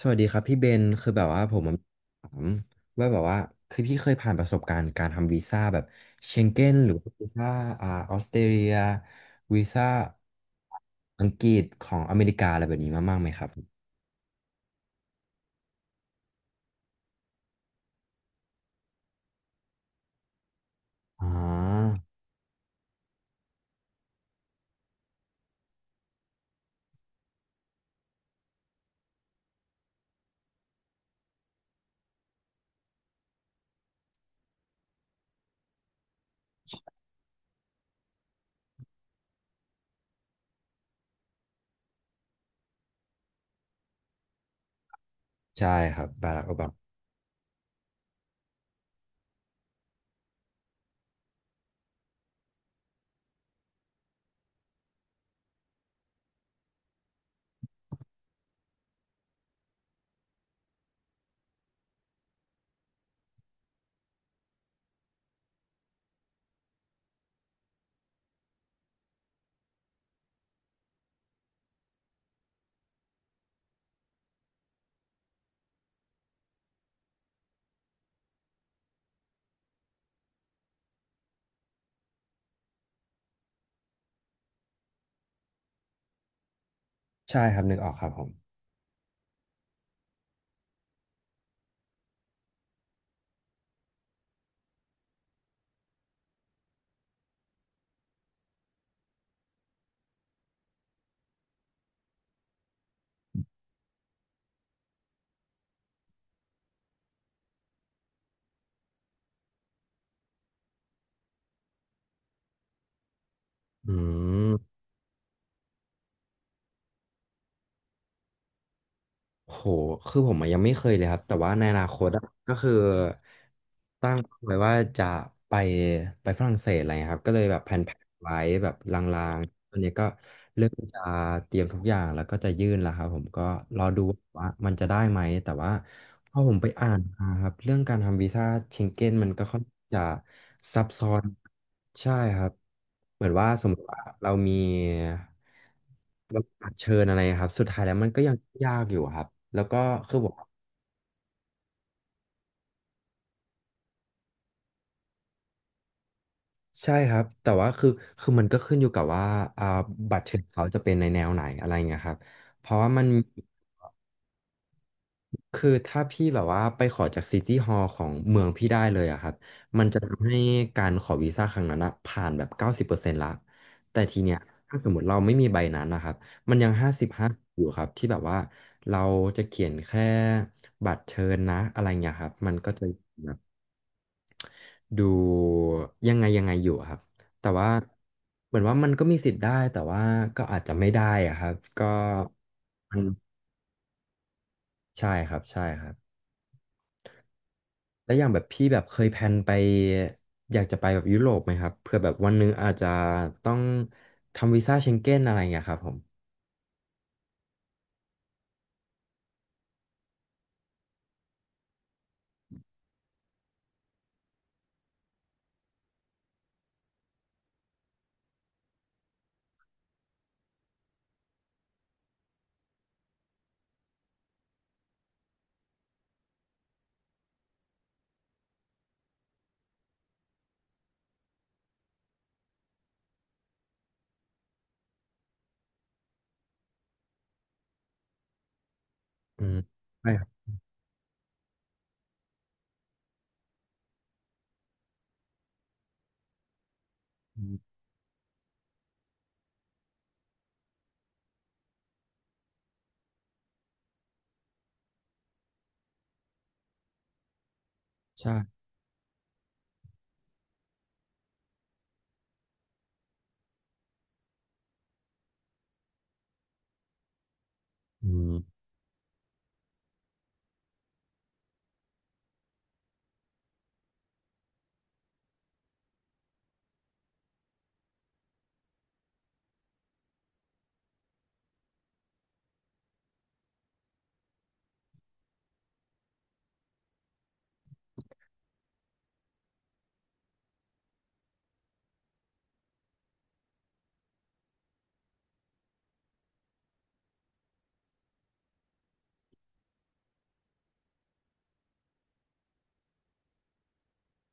สวัสดีครับพี่เบนคือแบบว่าผมถามว่าแบบว่าคือพี่เคยผ่านประสบการณ์การทำวีซ่าแบบเชงเก้นหรือว่าวีซ่าออสเตรเลียวีซ่าอังกฤษของอเมริกาอะไรแบบนี้มาบ้างไหมครับอ่าใช่ครับบารักโอบามาใช่ครับนึกออกครับผมอืม โหคือผมอะยังไม่เคยเลยครับ แต่ว่าในอนาคตอะก็คือตั้งไว้ว่าจะไปไปฝรั่งเศสอะไรครับก็เลยแบบแผนๆไว้แบบลางๆตอนนี้ก็เริ่มจะเตรียมทุกอย่างแล้วก็จะยื่นแล้วครับผมก็รอดูว่ามันจะได้ไหม แต่ว่าพอผมไปอ่านมาครับเรื่องการทำวีซ่าเชงเก้นมันก็ค่อนข้างจะซับซ้อนใช่ครับเหมือนว่าสมมติว่าเรามี มันอัญเชิญอะไรครับสุดท้ายแล้วมันก็ยังยากอยู่ครับแล้วก็คือบอกใช่ครับแต่ว่าคือมันก็ขึ้นอยู่กับว่าอ่าบัตรเชิญเขาจะเป็นในแนวไหนอะไรเงี้ยครับเพราะว่ามันคือถ้าพี่แบบว่าไปขอจากซิตี้ฮอลล์ของเมืองพี่ได้เลยอะครับมันจะทำให้การขอวีซ่าครั้งนั้นอะผ่านแบบ90%ละแต่ทีเนี้ยถ้าสมมติเราไม่มีใบนั้นนะครับมันยัง55อยู่ครับที่แบบว่าเราจะเขียนแค่บัตรเชิญนะอะไรเงี้ยครับมันก็จะ ดูยังไงยังไงอยู่อะครับแต่ว่าเหมือนว่ามันก็มีสิทธิ์ได้แต่ว่าก็อาจจะไม่ได้อะครับก็มันใช่ครับใช่ครับแล้วอย่างแบบพี่แบบเคยแพลนไปอยากจะไปแบบยุโรปไหมครับเพื่อแบบวันหนึงอาจจะต้องทำวีซ่าเชงเก้นอะไรอย่างเงี้ยครับผมอืมใช่ครับอืมใช่อืม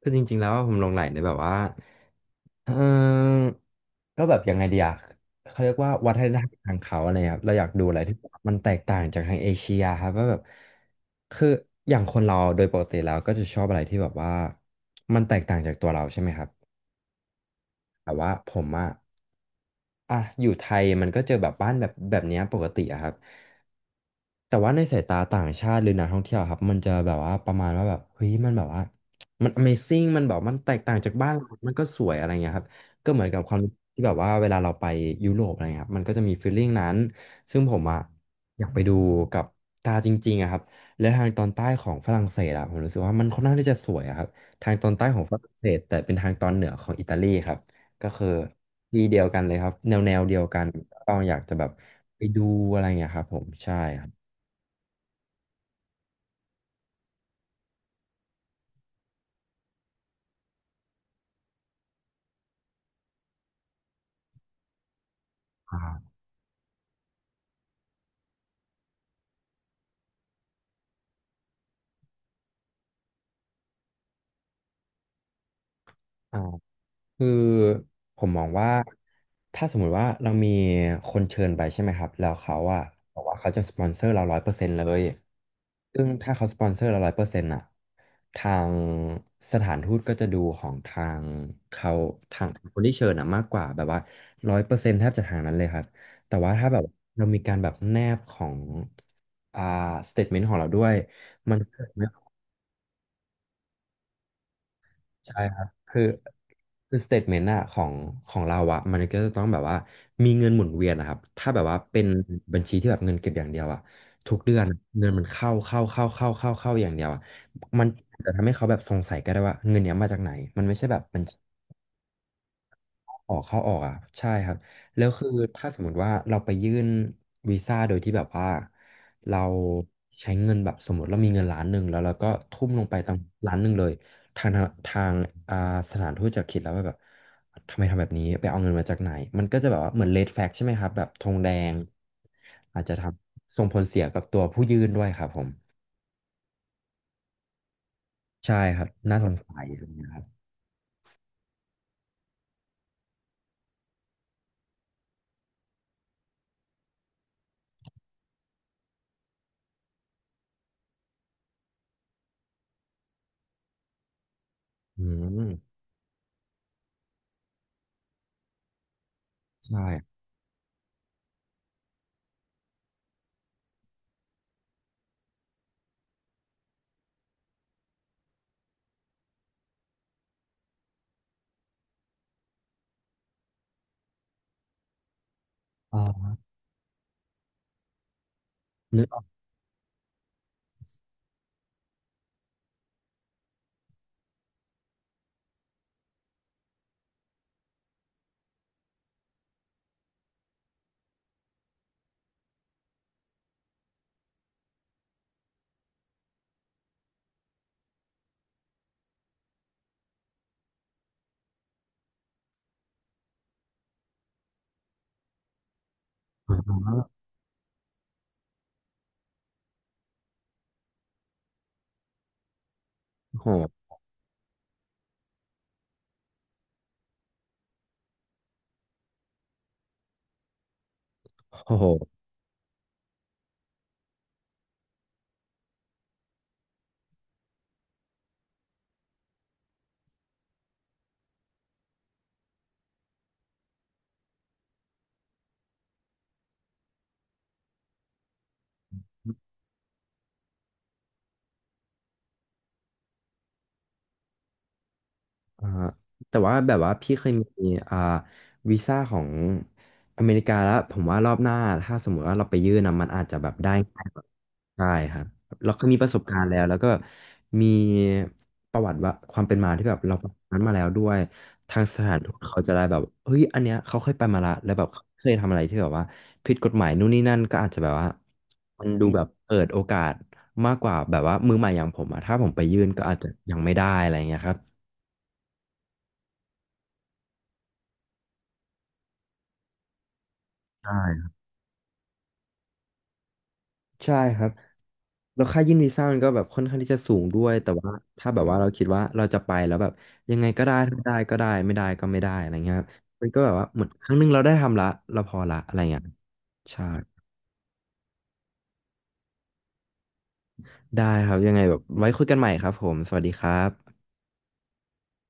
คือจริงๆแล้วผมหลงใหลในแบบว่า เออก็แบบยังไงดีอะเขาเรียกว่าวัฒนธรรมทางเขาอะไรครับเราอยากดูอะไรที่มันแตกต่างจากทางเอเชียครับว่าแบบคืออย่างคนเราโดยปกติแล้วก็จะชอบอะไรที่แบบว่ามันแตกต่างจากตัวเราใช่ไหมครับแต่ว่าผมอะอ่ะอยู่ไทยมันก็เจอแบบบ้านแบบเนี้ยปกติอะครับ แต่ว่าในสายตาต่างชาติหรือนักท่องเที่ยวครับมันจะแบบว่าประมาณว่าแบบเฮ้ยมันแบบว่ามัน Amazing มันแบบมันแตกต่างจากบ้านเรามันก็สวยอะไรเงี้ยครับก็เหมือนกับความรู้สึกที่แบบว่าเวลาเราไปยุโรปอะไรเงี้ยครับมันก็จะมีฟีลลิ่งนั้นซึ่งผมอะอยากไปดูกับตาจริงๆอะครับและทางตอนใต้ของฝรั่งเศสอะผมรู้สึกว่ามันค่อนข้างที่จะสวยอะครับทางตอนใต้ของฝรั่งเศสแต่เป็นทางตอนเหนือของอิตาลีครับก็คือที่เดียวกันเลยครับแนวแนวเดียวกันก็อยากจะแบบไปดูอะไรเงี้ยครับผมใช่ครับ อ่าอ่าคือผมมองว่าถ้าสมมุติว่าเรามีคนเชิญไปใช่ไหมครับแล้วเขาอะบอกว่าเขาจะสปอนเซอร์เราร้อยเปอร์เซ็นต์เลยซึ่งถ้าเขาสปอนเซอร์เราร้อยเปอร์เซ็นต์อะทางสถานทูตก็จะดูของทางเขาทางคนที่เชิญอะมากกว่าแบบว่าร้อยเปอร์เซ็นต์แทบจะทางนั้นเลยครับแต่ว่าถ้าแบบเรามีการแบบแนบของอ่าสเตทเมนต์ของเราด้วยมัน ใช่ครับคือคือสเตทเมนต์อะของของเราอะมันก็จะต้องแบบว่ามีเงินหมุนเวียนนะครับถ้าแบบว่าเป็นบัญชีที่แบบเงินเก็บอย่างเดียวอะทุกเดือนเงินมันเข้าเข้าเข้าเข้าเข้าเข้าอย่างเดียวอะมันจะทำให้เขาแบบสงสัยก็ได้ว่าเงินเนี้ยมาจากไหนมันไม่ใช่แบบออกเข้าออกอ่ะใช่ครับแล้วคือถ้าสมมติว่าเราไปยื่นวีซ่าโดยที่แบบว่าเราใช้เงินแบบสมมติเรามีเงินล้านหนึ่งแล้วเราก็ทุ่มลงไปตั้งล้านหนึ่งเลยทางทางอ่าสถานทูตจะคิดแล้วว่าแบบทำไมทำแบบนี้ไปเอาเงินมาจากไหนมันก็จะแบบว่าเหมือนเลดแฟกใช่ไหมครับแบบธงแดงอาจจะทำส่งผลเสียกับตัวผู้ยื่นด้วยครับผมใช่ครับน่าสงสัยตรงนี้ครับอืมใช่อ่านึกออกแล้วโหโห อ่าแต่ว่าแบบว่าพี่เคยมีอ่าวีซ่าของอเมริกาแล้วผมว่ารอบหน้าถ้าสมมติว่าเราไปยื่นนะมันอาจจะแบบได้ง่ายกว่าใช่ครับเราเคยมีประสบการณ์แล้วแล้วก็มีประวัติว่าความเป็นมาที่แบบเราผ่านนั้นมาแล้วด้วยทางสถานทูตเขาจะได้แบบเฮ้ยอันเนี้ยเขาเคยไปมาละแล้วแบบเขาเคยทำอะไรที่แบบว่าผิดกฎหมายนู่นนี่นั่นก็อาจจะแบบว่ามันดูแบบเปิดโอกาสมากกว่าแบบว่ามือใหม่อย่างผมอะถ้าผมไปยื่นก็อาจจะยังไม่ได้อะไรเงี้ยครับใช่ ใช่ครับ แล้วค่ายื่นวีซ่ามันก็แบบค่อนข้างที่จะสูงด้วย แต่ว่าถ้าแบบว่าเราคิดว่าเราจะไปแล้วแบบยังไงก็ได้ถ้าได้ก็ได้ไม่ได้ก็ไม่ได้อะไรเงี้ยครับมันก็แบบว่าเหมือนครั้งหนึงเราได้ทำละเราพอละอะไรเงี้ยใช่ได้ครับยังไงแบบไว้คุยกันใหม่ครับผมสวัสดีครับ